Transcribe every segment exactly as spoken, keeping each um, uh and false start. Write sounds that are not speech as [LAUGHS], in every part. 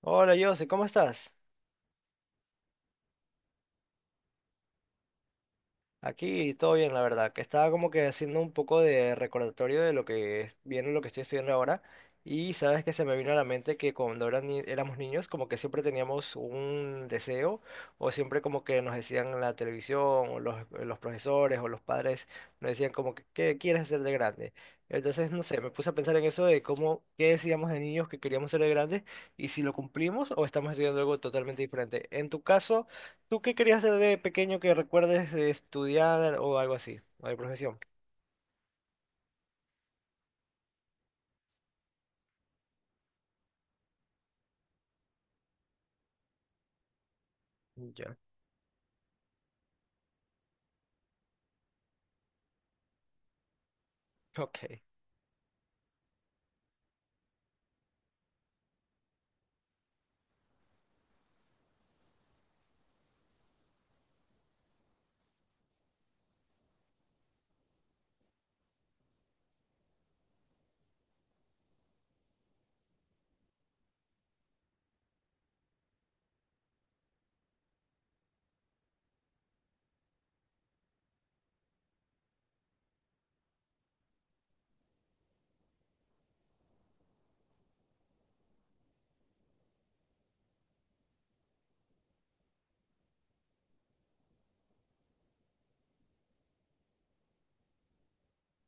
Hola José, ¿cómo estás? Aquí todo bien, la verdad, que estaba como que haciendo un poco de recordatorio de lo que es- viene lo que estoy estudiando ahora, y sabes que se me vino a la mente que cuando eran ni- éramos niños como que siempre teníamos un deseo, o siempre como que nos decían en la televisión o los, los profesores o los padres nos decían como que ¿qué quieres hacer de grande? Entonces, no sé, me puse a pensar en eso de cómo, qué decíamos de niños que queríamos ser de grandes, y si lo cumplimos o estamos estudiando algo totalmente diferente. En tu caso... ¿Tú qué querías hacer de pequeño que recuerdes, de estudiar o algo así? ¿O de profesión? Ya, ok.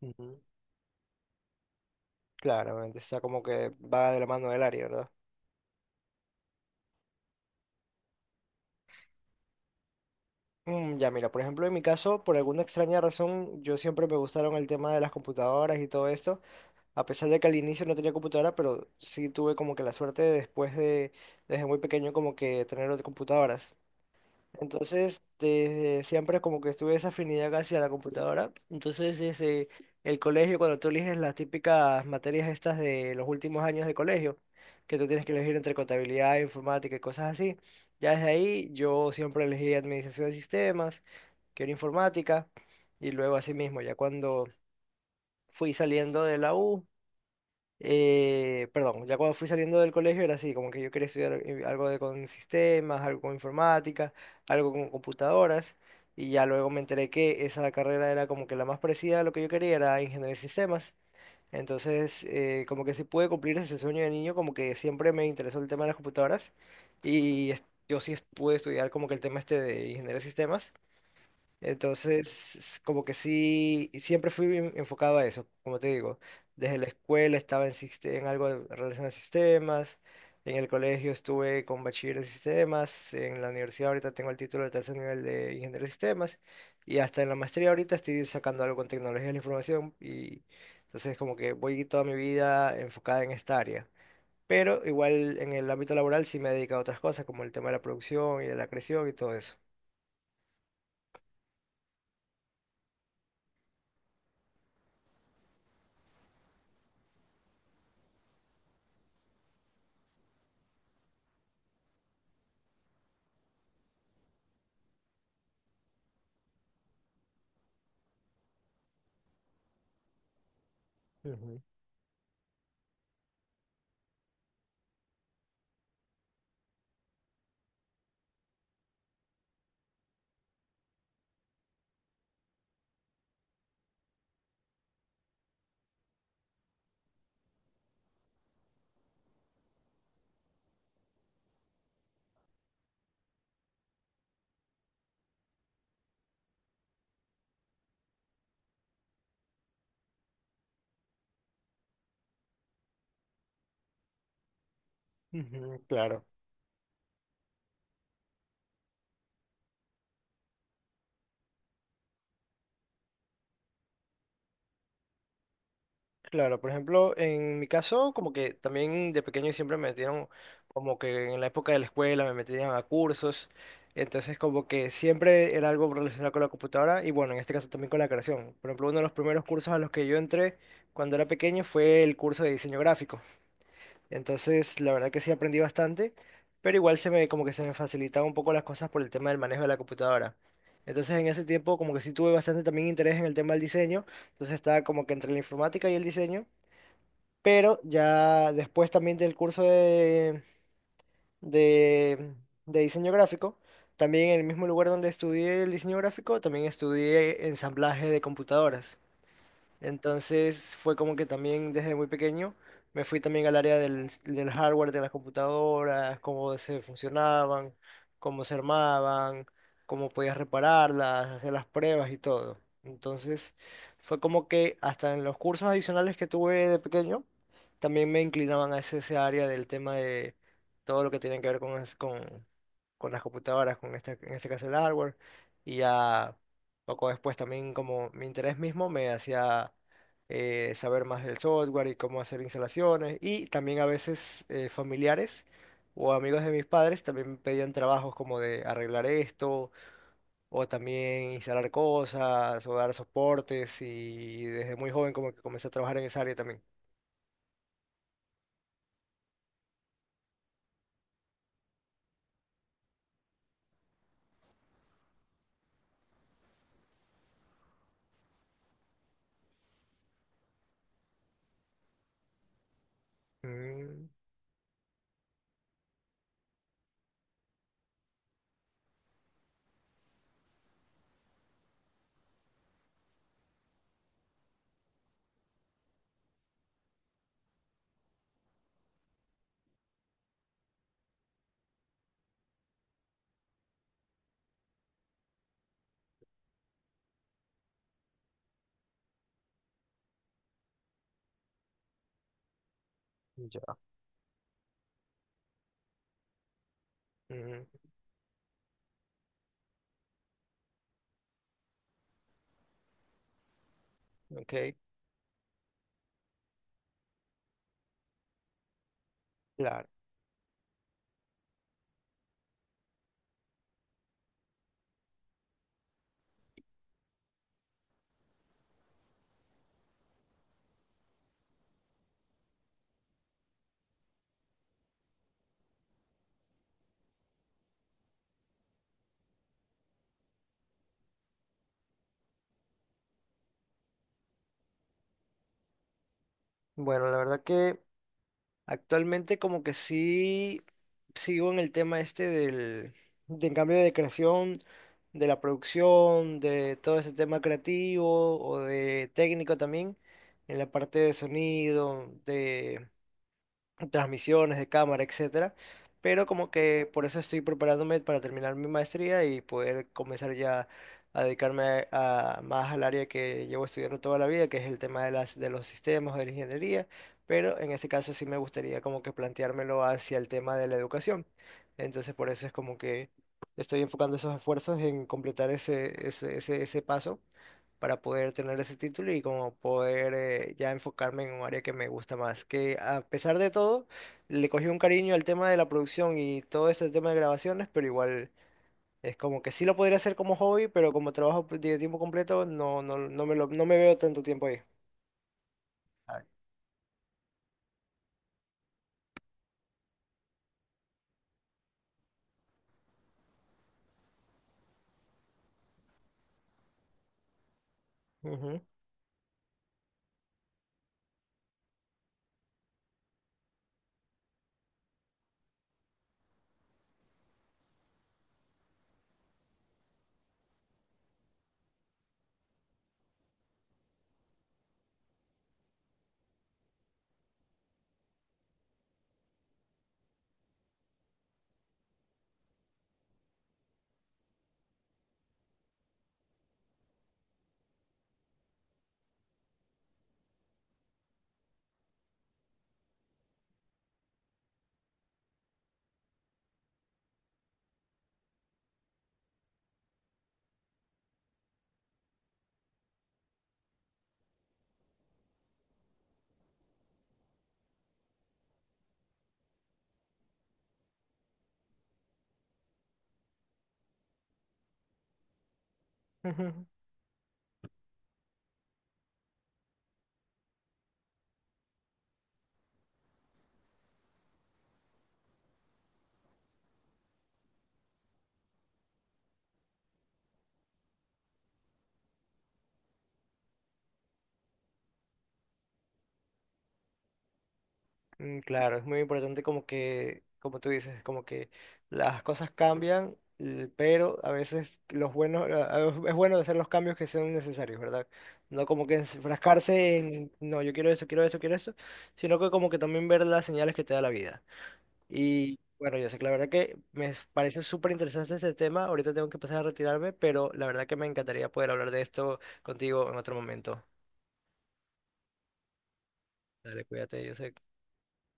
Ujú. Claramente, o sea, como que va de la mano del área, ¿verdad? Mm, ya, mira, por ejemplo, en mi caso, por alguna extraña razón, yo siempre me gustaron el tema de las computadoras y todo esto, a pesar de que al inicio no tenía computadora, pero sí tuve como que la suerte de después de, desde muy pequeño, como que tener otras computadoras. Entonces, desde siempre como que tuve esa afinidad hacia la computadora. Entonces, desde el colegio, cuando tú eliges las típicas materias estas de los últimos años de colegio, que tú tienes que elegir entre contabilidad, informática y cosas así, ya desde ahí yo siempre elegí administración de sistemas, que era informática, y luego así mismo, ya cuando fui saliendo de la U. Eh, perdón, ya cuando fui saliendo del colegio era así, como que yo quería estudiar, eh, algo de, con sistemas, algo con informática, algo con computadoras, y ya luego me enteré que esa carrera era como que la más parecida a lo que yo quería, era ingeniería de sistemas. Entonces, eh, como que sí pude cumplir ese sueño de niño, como que siempre me interesó el tema de las computadoras, y es- yo sí es- pude estudiar como que el tema este de ingeniería de sistemas. Entonces, s- como que sí, siempre fui bien enfocado a eso, como te digo. Desde la escuela estaba en, siste- en algo relacionado a sistemas, en el colegio estuve con bachiller de sistemas, en la universidad ahorita tengo el título de tercer nivel de ingeniero de sistemas, y hasta en la maestría ahorita estoy sacando algo con tecnología de la información, y entonces como que voy toda mi vida enfocada en esta área. Pero igual en el ámbito laboral sí me he dedicado a otras cosas, como el tema de la producción y de la creación y todo eso. Ujú, ujú, claro. Claro, por ejemplo, en mi caso, como que también de pequeño siempre me metieron, como que en la época de la escuela me metían a cursos, entonces como que siempre era algo relacionado con la computadora y bueno, en este caso también con la creación. Por ejemplo, uno de los primeros cursos a los que yo entré cuando era pequeño fue el curso de diseño gráfico, entonces la verdad que sí aprendí bastante, pero igual se me, como que se me facilitaban un poco las cosas por el tema del manejo de la computadora. Entonces en ese tiempo como que sí tuve bastante también interés en el tema del diseño, entonces estaba como que entre la informática y el diseño. Pero ya después también del curso de, de, de diseño gráfico, también en el mismo lugar donde estudié el diseño gráfico, también estudié ensamblaje de computadoras. Entonces fue como que también desde muy pequeño me fui también al área del, del hardware de las computadoras, cómo se funcionaban, cómo se armaban, cómo podías repararlas, hacer las pruebas y todo. Entonces fue como que hasta en los cursos adicionales que tuve de pequeño, también me inclinaban a ese, ese área del tema de todo lo que tiene que ver con, es- con, con las computadoras, con este, en este caso el hardware, y ya. Poco después también como mi interés mismo me hacía eh, saber más del software y cómo hacer instalaciones y también a veces eh, familiares o amigos de mis padres también me pedían trabajos como de arreglar esto o también instalar cosas o dar soportes y desde muy joven como que comencé a trabajar en esa área también. Mm. Ya. Ujú, ok, claro. Bueno, la verdad que actualmente como que sí sigo en el tema este del, del cambio de creación, de la producción, de todo ese tema creativo o de técnico también, en la parte de sonido, transmisiones de cámara, etcétera. Pero como que por eso estoy preparándome para terminar mi maestría y poder comenzar ya a dedicarme a, a- más al área que llevo estudiando toda la vida, que es el tema de las de los sistemas, de la ingeniería, pero en este caso sí me gustaría como que planteármelo hacia el tema de la educación. Entonces por eso es como que estoy enfocando esos esfuerzos en completar ese, ese, ese, ese paso para poder tener ese título y como poder, eh, ya enfocarme en un área que me gusta más. Que a pesar de todo, le cogí un cariño al tema de la producción y todo ese tema de grabaciones, pero igual es como que sí lo podría hacer como hobby, pero como trabajo pues, de tiempo completo, no, no, no me lo, no me veo tanto tiempo ahí. Ah. Ujú. [LAUGHS] Mm, Claro, es muy importante como que, como tú dices, como que las cosas cambian, l- pero a veces los buenos, a- a- es bueno hacer los cambios que sean necesarios, ¿verdad? No como que enfrascarse en, no, yo quiero esto, quiero esto, quiero esto, sino que como que también ver las señales que te da la vida. Y bueno, yo sé que la verdad que me s- parece súper interesante este tema, ahorita tengo que empezar a retirarme, pero la verdad que me encantaría poder hablar de esto contigo en otro momento. Dale, cuídate, yo sé.